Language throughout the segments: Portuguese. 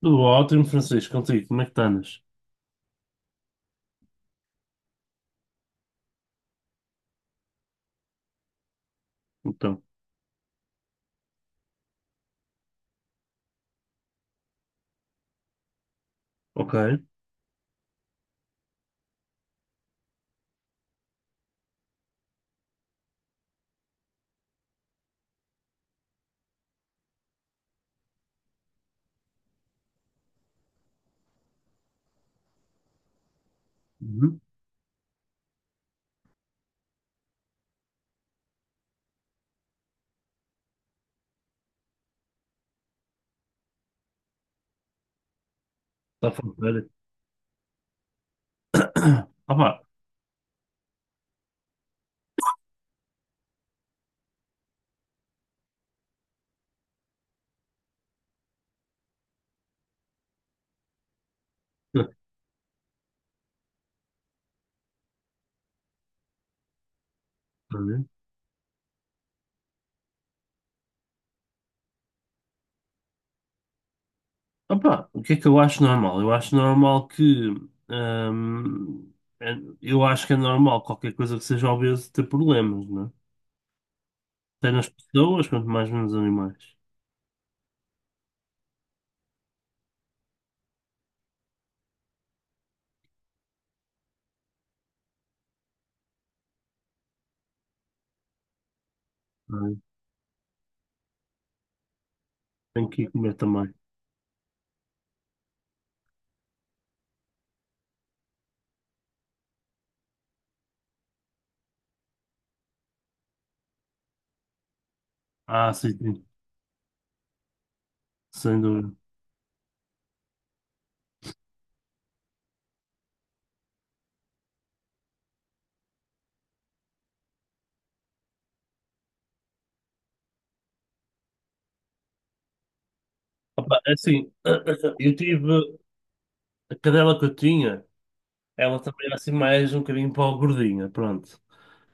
Tudo ótimo, Francisco, contigo, como é que estás? Então, ok. Uhum. Está a fazer. Opá, opá, o que é que eu acho normal? Eu acho normal que. hum, é- eu acho que é normal qualquer coisa que seja obeso ter problemas, não é? Até nas pessoas, quanto mais nos animais. Não é? Tenho que ir comer também. Ah, sim, sim, sem dúvida. Opa, é assim, eu tive. A cadela que eu tinha, ela também era assim mais um bocadinho para o gordinha, pronto.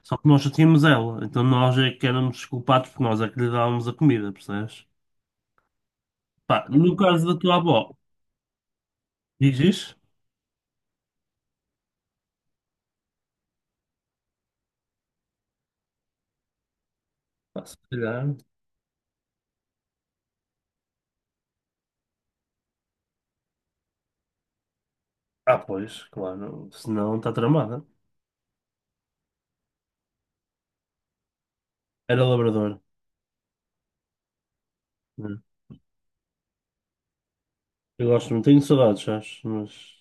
Só que nós já tínhamos ela, então nós é que éramos culpados porque nós é que lhe dávamos a comida, percebes? Pá, no caso da tua avó, diz isso? Pá, se calhar. Ah, pois, claro, senão está tramada. Era labrador, né? Eu gosto, não tenho saudades, sabes? Mas.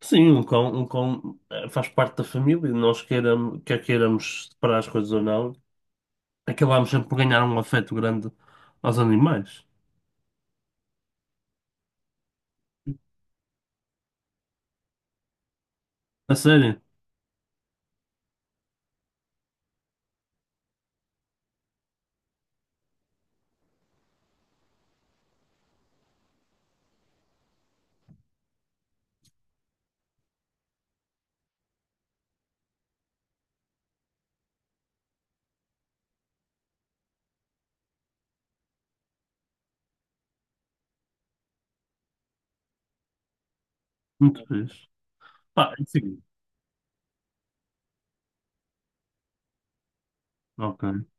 Sim, um cão, faz parte da família e nós quer queiramos separar as coisas ou não, acabamos sempre por ganhar um afeto grande aos animais. A sério? Muito fixe. Pá, é o seguinte. Ok.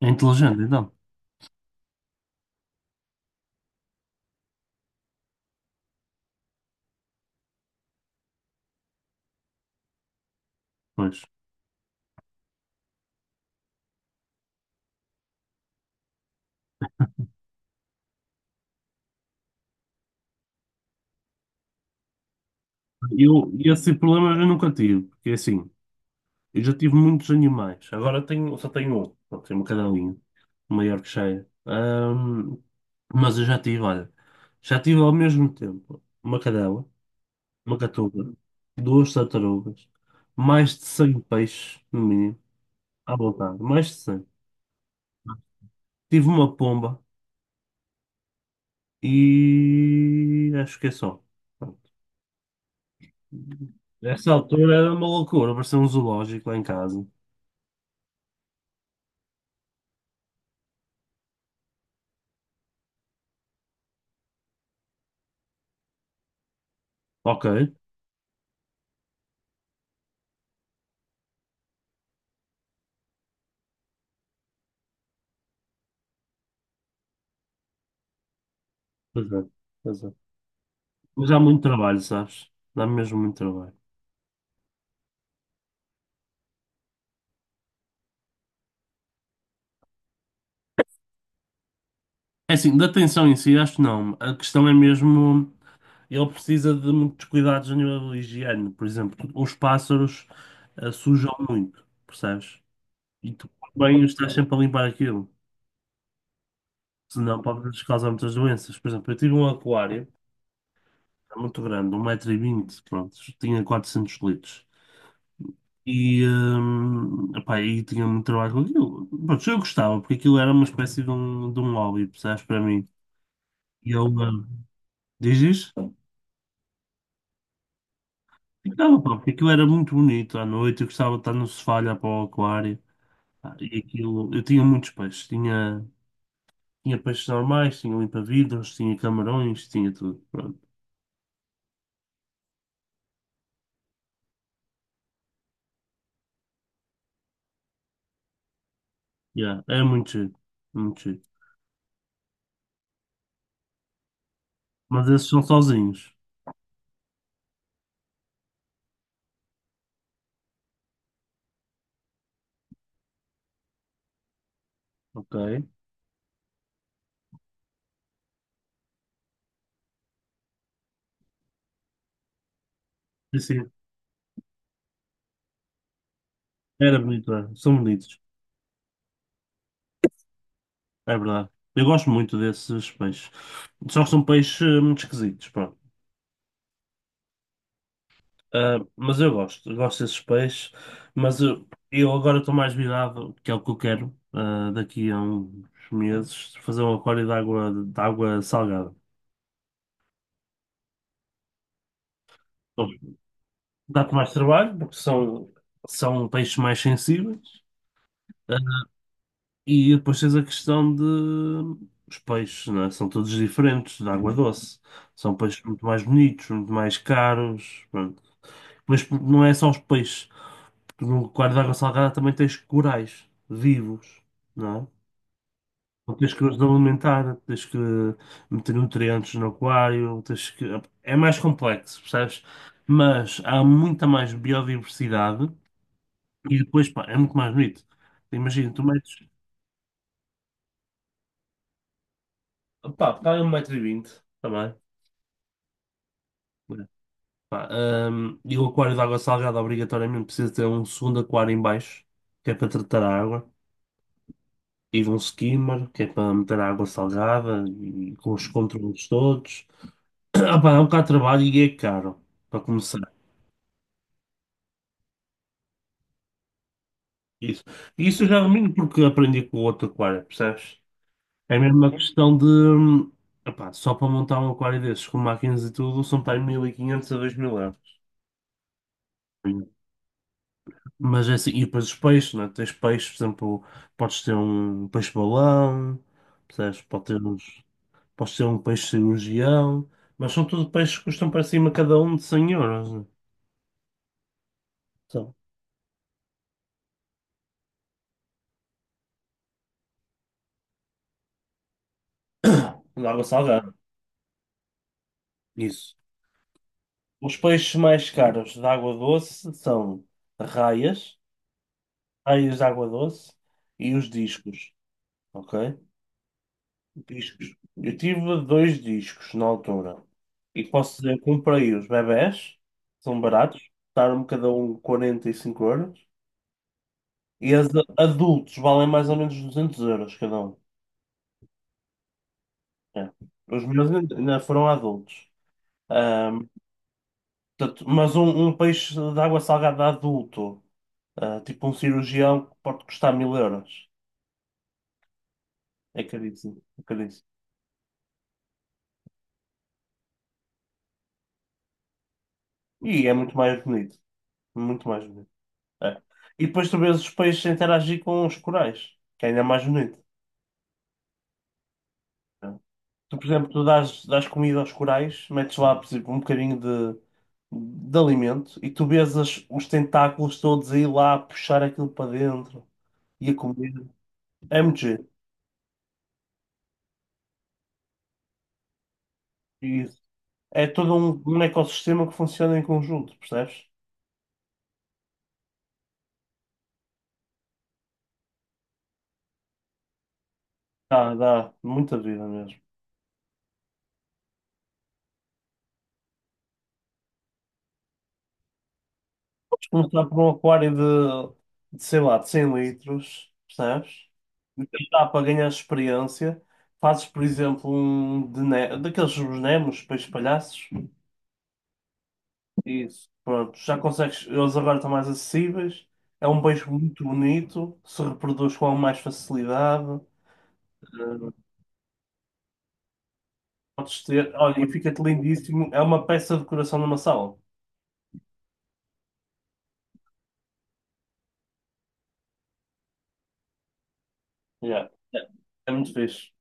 É inteligente, então. Pois. Esse problema eu nunca tive, porque é assim, eu já tive muitos animais, agora tenho, só tenho outro, pronto, tenho uma cadelinha, uma Yorkshire. Mas eu já tive, olha, já tive ao mesmo tempo uma cadela, uma catuga, duas tartarugas, mais de 100 peixes, no mínimo, à vontade, mais de 100. Tive uma pomba e acho que é só. Pronto. Nessa altura era uma loucura, parecia um zoológico lá em casa. Ok, pois é, pois é. Mas há muito trabalho, sabes? Dá mesmo muito trabalho. É assim, da atenção em si, acho que não. A questão é mesmo, ele precisa de muitos cuidados a nível de higiene. Por exemplo, os pássaros sujam muito, percebes? E tu bem estás sempre a limpar aquilo. Senão pode-lhes causar muitas doenças. Por exemplo, eu tive um aquário, era muito grande, 1,20 m pronto, tinha 400 litros. Epá, e tinha muito trabalho com aquilo. Pronto, eu gostava, porque aquilo era uma espécie de um, hobby, percebes, para mim. E eu, diz isto? Ficava, pá, porque aquilo era muito bonito à noite, eu gostava de estar no sofá, a olhar para o aquário. Pá, e aquilo, eu tinha muitos peixes, tinha peixes normais, tinha limpa-vidros, tinha camarões, tinha tudo. Pronto, yeah, era muito giro, muito giro. Mas esses são sozinhos, ok? Sim, sim, era bonito, era. São bonitos. É verdade. Eu gosto muito desses peixes. Só que são peixes muito esquisitos, pronto. Ah, mas eu gosto desses peixes. Mas eu agora estou mais virado, que é o que eu quero, daqui a uns meses, fazer um aquário de água salgada. Bom, dá-te mais trabalho, porque são peixes mais sensíveis. Ah, e depois tens a questão de. Os peixes, não é? São todos diferentes, da água doce. São peixes muito mais bonitos, muito mais caros. Mas não é só os peixes. Tu no aquário de água salgada também tens corais vivos, não é? Então tens que os alimentar, tens que meter nutrientes no aquário, tens que... É mais complexo, percebes? Mas há muita mais biodiversidade e depois, pá, é muito mais bonito. Imagina, tu metes... Pá, está aí 1,20 m também. Né? Pá, e o aquário de água salgada obrigatoriamente precisa ter um segundo aquário em baixo, que é para tratar a água. E um skimmer, que é para meter água salgada e com os controles todos. Ah, pá, é um bocado de trabalho e é caro, para começar. Isso, e isso eu já domino porque aprendi com o outro aquário, percebes? É mesmo uma questão de. Epá, só para montar um aquário desses com máquinas e tudo são para aí 1500 a 2000 euros. Mas é assim, e depois os peixes, não é? Tens peixes, por exemplo, podes ter um peixe-balão, percebes? Pode ter uns. Posso ser um peixe cirurgião, mas são tudo peixes que custam para cima cada um de 100 euros. Né? São de água salgada. Isso. Os peixes mais caros de água doce são raias, raias de água doce e os discos, ok? Discos. Eu tive dois discos na altura e posso dizer que comprei os bebés, são baratos, custaram-me cada um 45 euros e as adultos valem mais ou menos 200 euros cada um. É. Os meus ainda foram adultos. Ahm, portanto, mas um peixe de água salgada adulto, tipo um cirurgião, pode custar 1000 euros. É caríssimo, é caríssimo. E é muito mais bonito. Muito mais bonito. É. E depois tu vês os peixes a interagir com os corais, que é ainda mais bonito. É. Tu, por exemplo, tu dás comida aos corais, metes lá, por exemplo, um bocadinho de alimento e tu vês os tentáculos todos aí lá a puxar aquilo para dentro e a comer. MG. Isso. É todo um ecossistema que funciona em conjunto, percebes? Dá muita vida mesmo. Mas começar por um aquário sei lá, de 100 litros, percebes? E dá para ganhar experiência. Fazes, por exemplo, um de daqueles os Nemos, peixes palhaços. Isso. Pronto, já consegues. Eles agora estão mais acessíveis. É um peixe muito bonito, se reproduz com mais facilidade. Podes ter. Olha, e fica-te lindíssimo. É uma peça de decoração numa sala. Yeah. É muito fixe.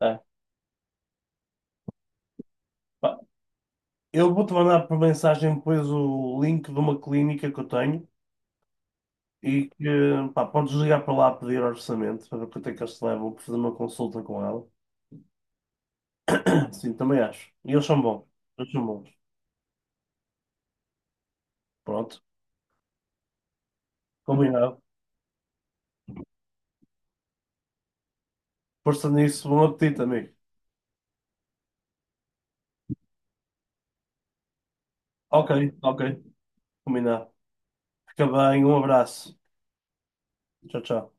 É. Pá, eu vou-te mandar por mensagem depois o link de uma clínica que eu tenho e que pá, podes ligar para lá a pedir orçamento para ver quanto é que eles te levam para fazer uma consulta com ela. Sim, também acho. E eles são bons. Eles são bons. Pronto. Combinado. Força nisso. Bom apetite, amigo. Ok, ok. Combinado. Fica bem. Um abraço. Tchau, tchau.